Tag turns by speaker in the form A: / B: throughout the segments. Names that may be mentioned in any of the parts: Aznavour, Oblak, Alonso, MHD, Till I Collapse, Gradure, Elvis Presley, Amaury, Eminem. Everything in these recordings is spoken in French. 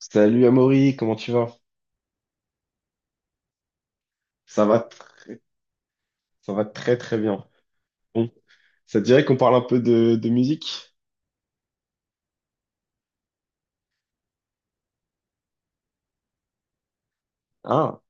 A: Salut Amaury, comment tu vas? Ça va, ça va très très bien. Bon, ça te dirait qu'on parle un peu de musique? Ah,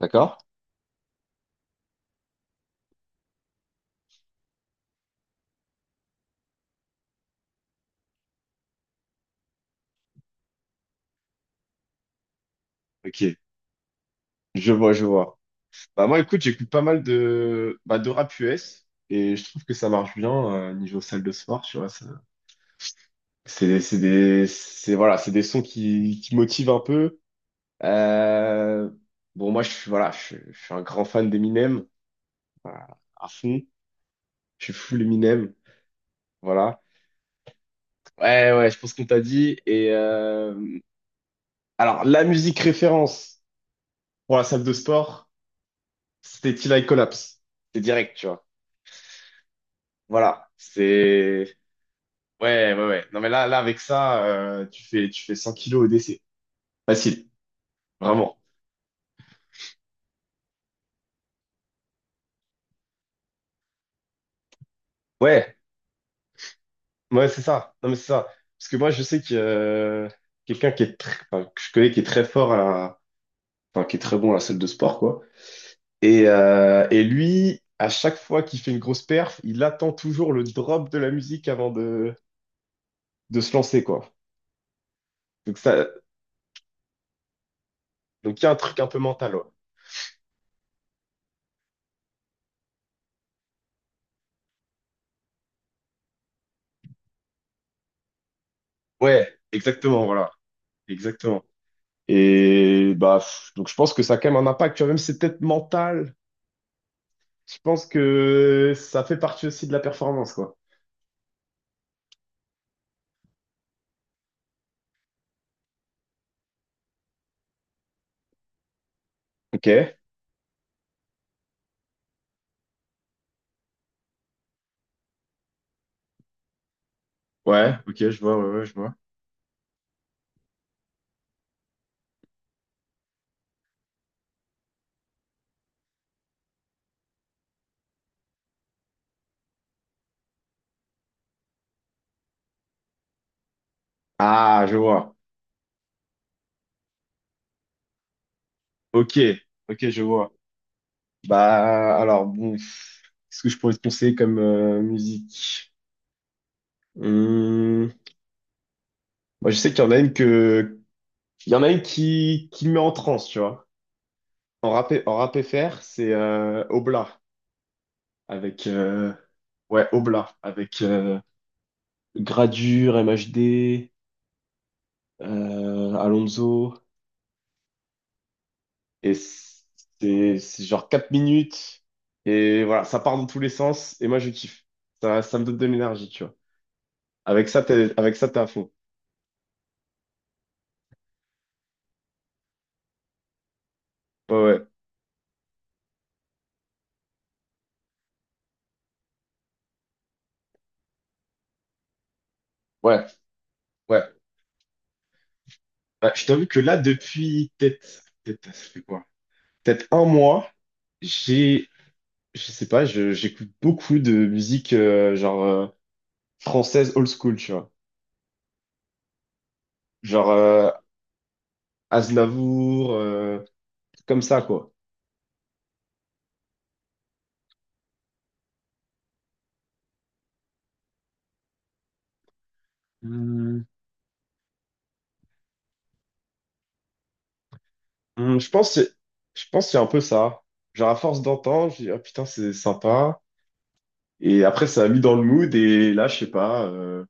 A: d'accord. Ok, je vois, je vois. Bah moi écoute, j'écoute pas mal de rap US et je trouve que ça marche bien niveau salle de sport, tu vois. C'est voilà, c'est des sons qui motivent un peu. Euh, bon moi je suis voilà, je suis un grand fan d'Eminem, voilà, à fond. Je suis full Eminem, voilà. Ouais, ouais, je pense qu'on t'a dit. Et, alors, la musique référence pour la salle de sport, c'était Till I Collapse. C'est direct, tu vois. Voilà. C'est. Ouais, ouais, ouais. Non, mais là avec ça, tu fais 100 kilos au décès. Facile. Vraiment. Ouais, ouais, c'est ça. Non, mais c'est ça. Parce que moi, je sais que quelqu'un qui est enfin, que je connais qui est très fort à la, enfin, qui est très bon à la salle de sport, quoi. Et lui, à chaque fois qu'il fait une grosse perf, il attend toujours le drop de la musique avant de se lancer, quoi. Donc ça, donc il y a un truc un peu mental. Ouais, ouais, exactement, voilà. Exactement. Et bah, donc je pense que ça a quand même un impact, tu vois, même si c'est peut-être mental, je pense que ça fait partie aussi de la performance, quoi. Ok, ouais, ok, je vois, ouais, ouais, je vois. Ah, je vois. Ok, ok, je vois. Bah, alors, bon, qu'est-ce que je pourrais te conseiller comme musique? Hum, moi, je sais qu'il y en a une qui me met en transe, tu vois. En rap FR, c'est Obla, avec ouais, Oblak avec Gradure, MHD, Alonso, et c'est genre 4 minutes, et voilà, ça part dans tous les sens et moi je kiffe. Ça me donne de l'énergie, tu vois. Avec ça t'es à fond. Ouais, ouais, ouais, ouais. Bah, je t'avoue que là depuis peut-être ça fait quoi, peut-être 1 mois, j'ai je sais pas je j'écoute beaucoup de musique française old school, tu vois. Genre Aznavour, comme ça, quoi. Hmm. Hum, je pense, que- je pense qu'il y un peu ça. Genre, à force d'entendre, je dis, ah putain, c'est sympa. Et après, ça a mis dans le mood. Et là, je sais pas,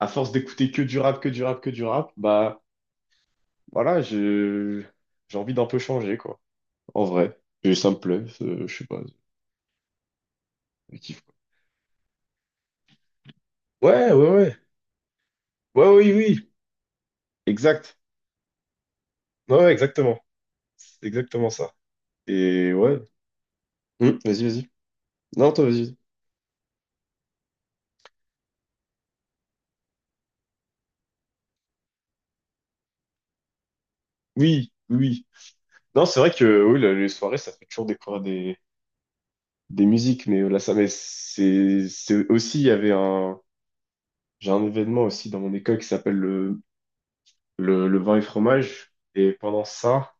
A: à force d'écouter que du rap, que du rap, que du rap, bah voilà, j'ai envie d'un peu changer, quoi. En vrai. Et ça me plaît, je sais pas. Je kiffe. Ouais, ouais, ouais. Ouais, oui, oui. Exact. Ouais, ouais, exactement. C'est exactement ça. Et ouais. Vas-y, vas-y. Non, toi, vas-y. Oui, oui. Non, c'est vrai que oui, les soirées, ça fait toujours découvrir des musiques, mais c'est aussi, il y avait un, j'ai un événement aussi dans mon école qui s'appelle le vin et fromage, et pendant ça,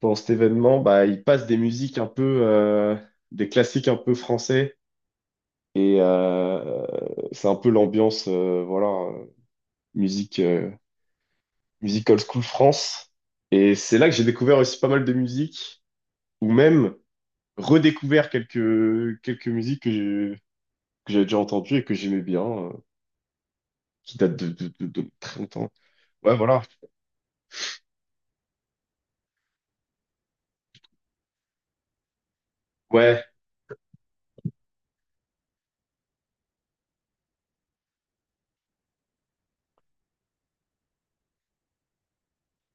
A: pendant cet événement, bah, ils passent des musiques un peu, des classiques un peu français, et c'est un peu l'ambiance, voilà, musique, euh, musique old school France, et c'est là que j'ai découvert aussi pas mal de musiques, ou même redécouvert quelques musiques que j'avais déjà entendu et que j'aimais bien, qui date de très longtemps. Ouais, voilà. Ouais,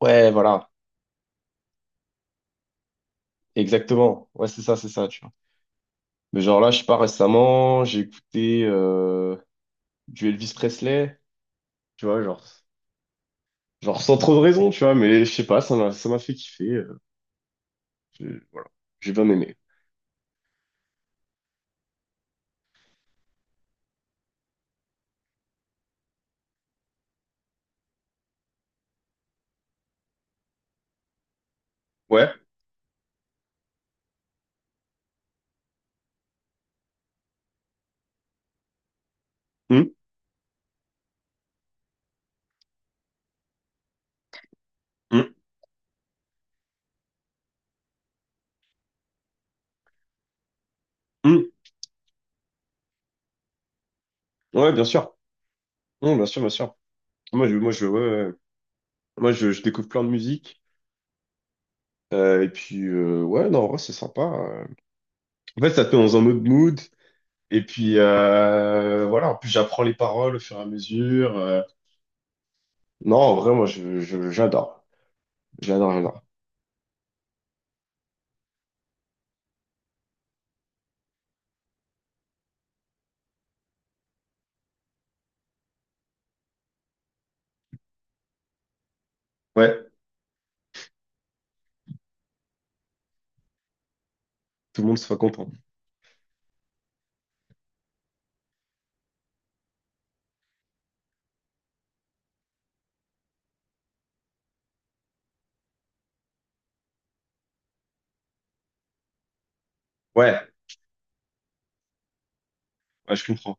A: ouais, voilà. Exactement. Ouais, c'est ça, tu vois. Mais genre là, je sais pas, récemment, j'ai écouté du Elvis Presley, tu vois, genre, genre sans trop de raison, tu vois, mais je sais pas, ça m'a fait kiffer. Je- voilà, j'ai bien aimé. Ouais. Hum, hum, hum. Ouais, bien sûr. Bien sûr, bien sûr. Ouais, ouais. Je découvre plein de musique. Ouais, non, en vrai, c'est sympa. En fait, ça te met dans un autre mood. Et puis voilà, en plus j'apprends les paroles au fur et à mesure. Non, en vrai, j'adore. J'adore, j'adore. Ouais, tout le monde soit content. Ouais, ouais, je comprends.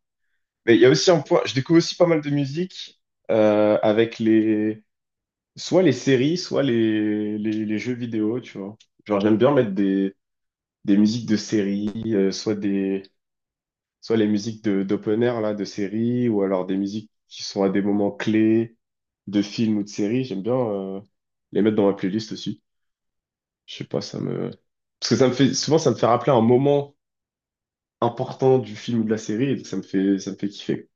A: Mais il y a aussi un point, je découvre aussi pas mal de musique avec les, soit les séries, soit les jeux vidéo, tu vois. Genre j'aime bien mettre des musiques de séries, soit les musiques de d'open air là de séries, ou alors des musiques qui sont à des moments clés de films ou de séries. J'aime bien les mettre dans ma playlist aussi. Je sais pas, ça me parce que ça me fait souvent, ça me fait rappeler un moment important du film ou de la série, et donc ça me fait kiffer.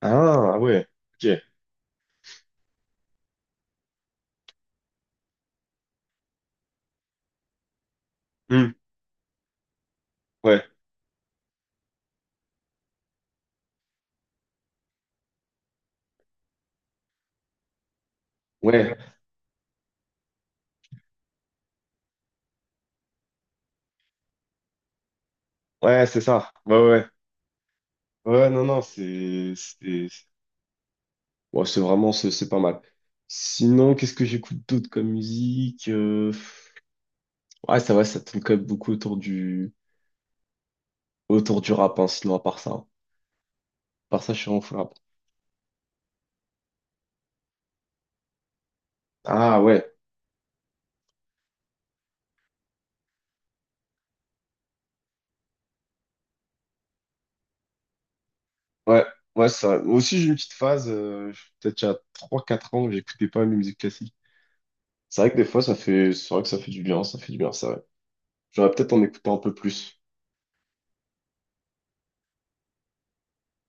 A: Ah, ah ouais. Ok. Hmm. Ouais, ouais, ouais, c'est ça. Ouais, ouais, ouais, ouais, non, non, ouais, c'est vraiment, c'est pas mal. Sinon, qu'est-ce que j'écoute d'autre comme musique? Ouais, ça va, ça tourne quand même beaucoup autour du rap, hein, sinon, à part ça, hein. À part ça, je suis vraiment full rap. Ah ouais, ouais, ouais, ça. Moi aussi, j'ai une petite phase, peut-être il y a 3-4 ans, que j'écoutais pas la musique classique. C'est vrai que des fois, c'est vrai que ça fait du bien, ça fait du bien, ça, ouais. J'aurais peut-être en écouter un peu plus.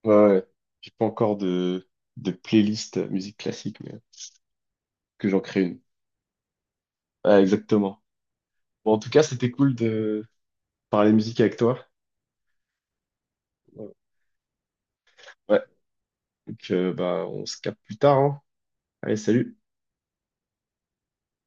A: Ouais, ouais. J'ai pas encore de playlist musique classique, mais que j'en crée une. Ouais, exactement. Bon, en tout cas, c'était cool de parler musique avec toi. Ouais, donc, on se capte plus tard, hein. Allez, salut.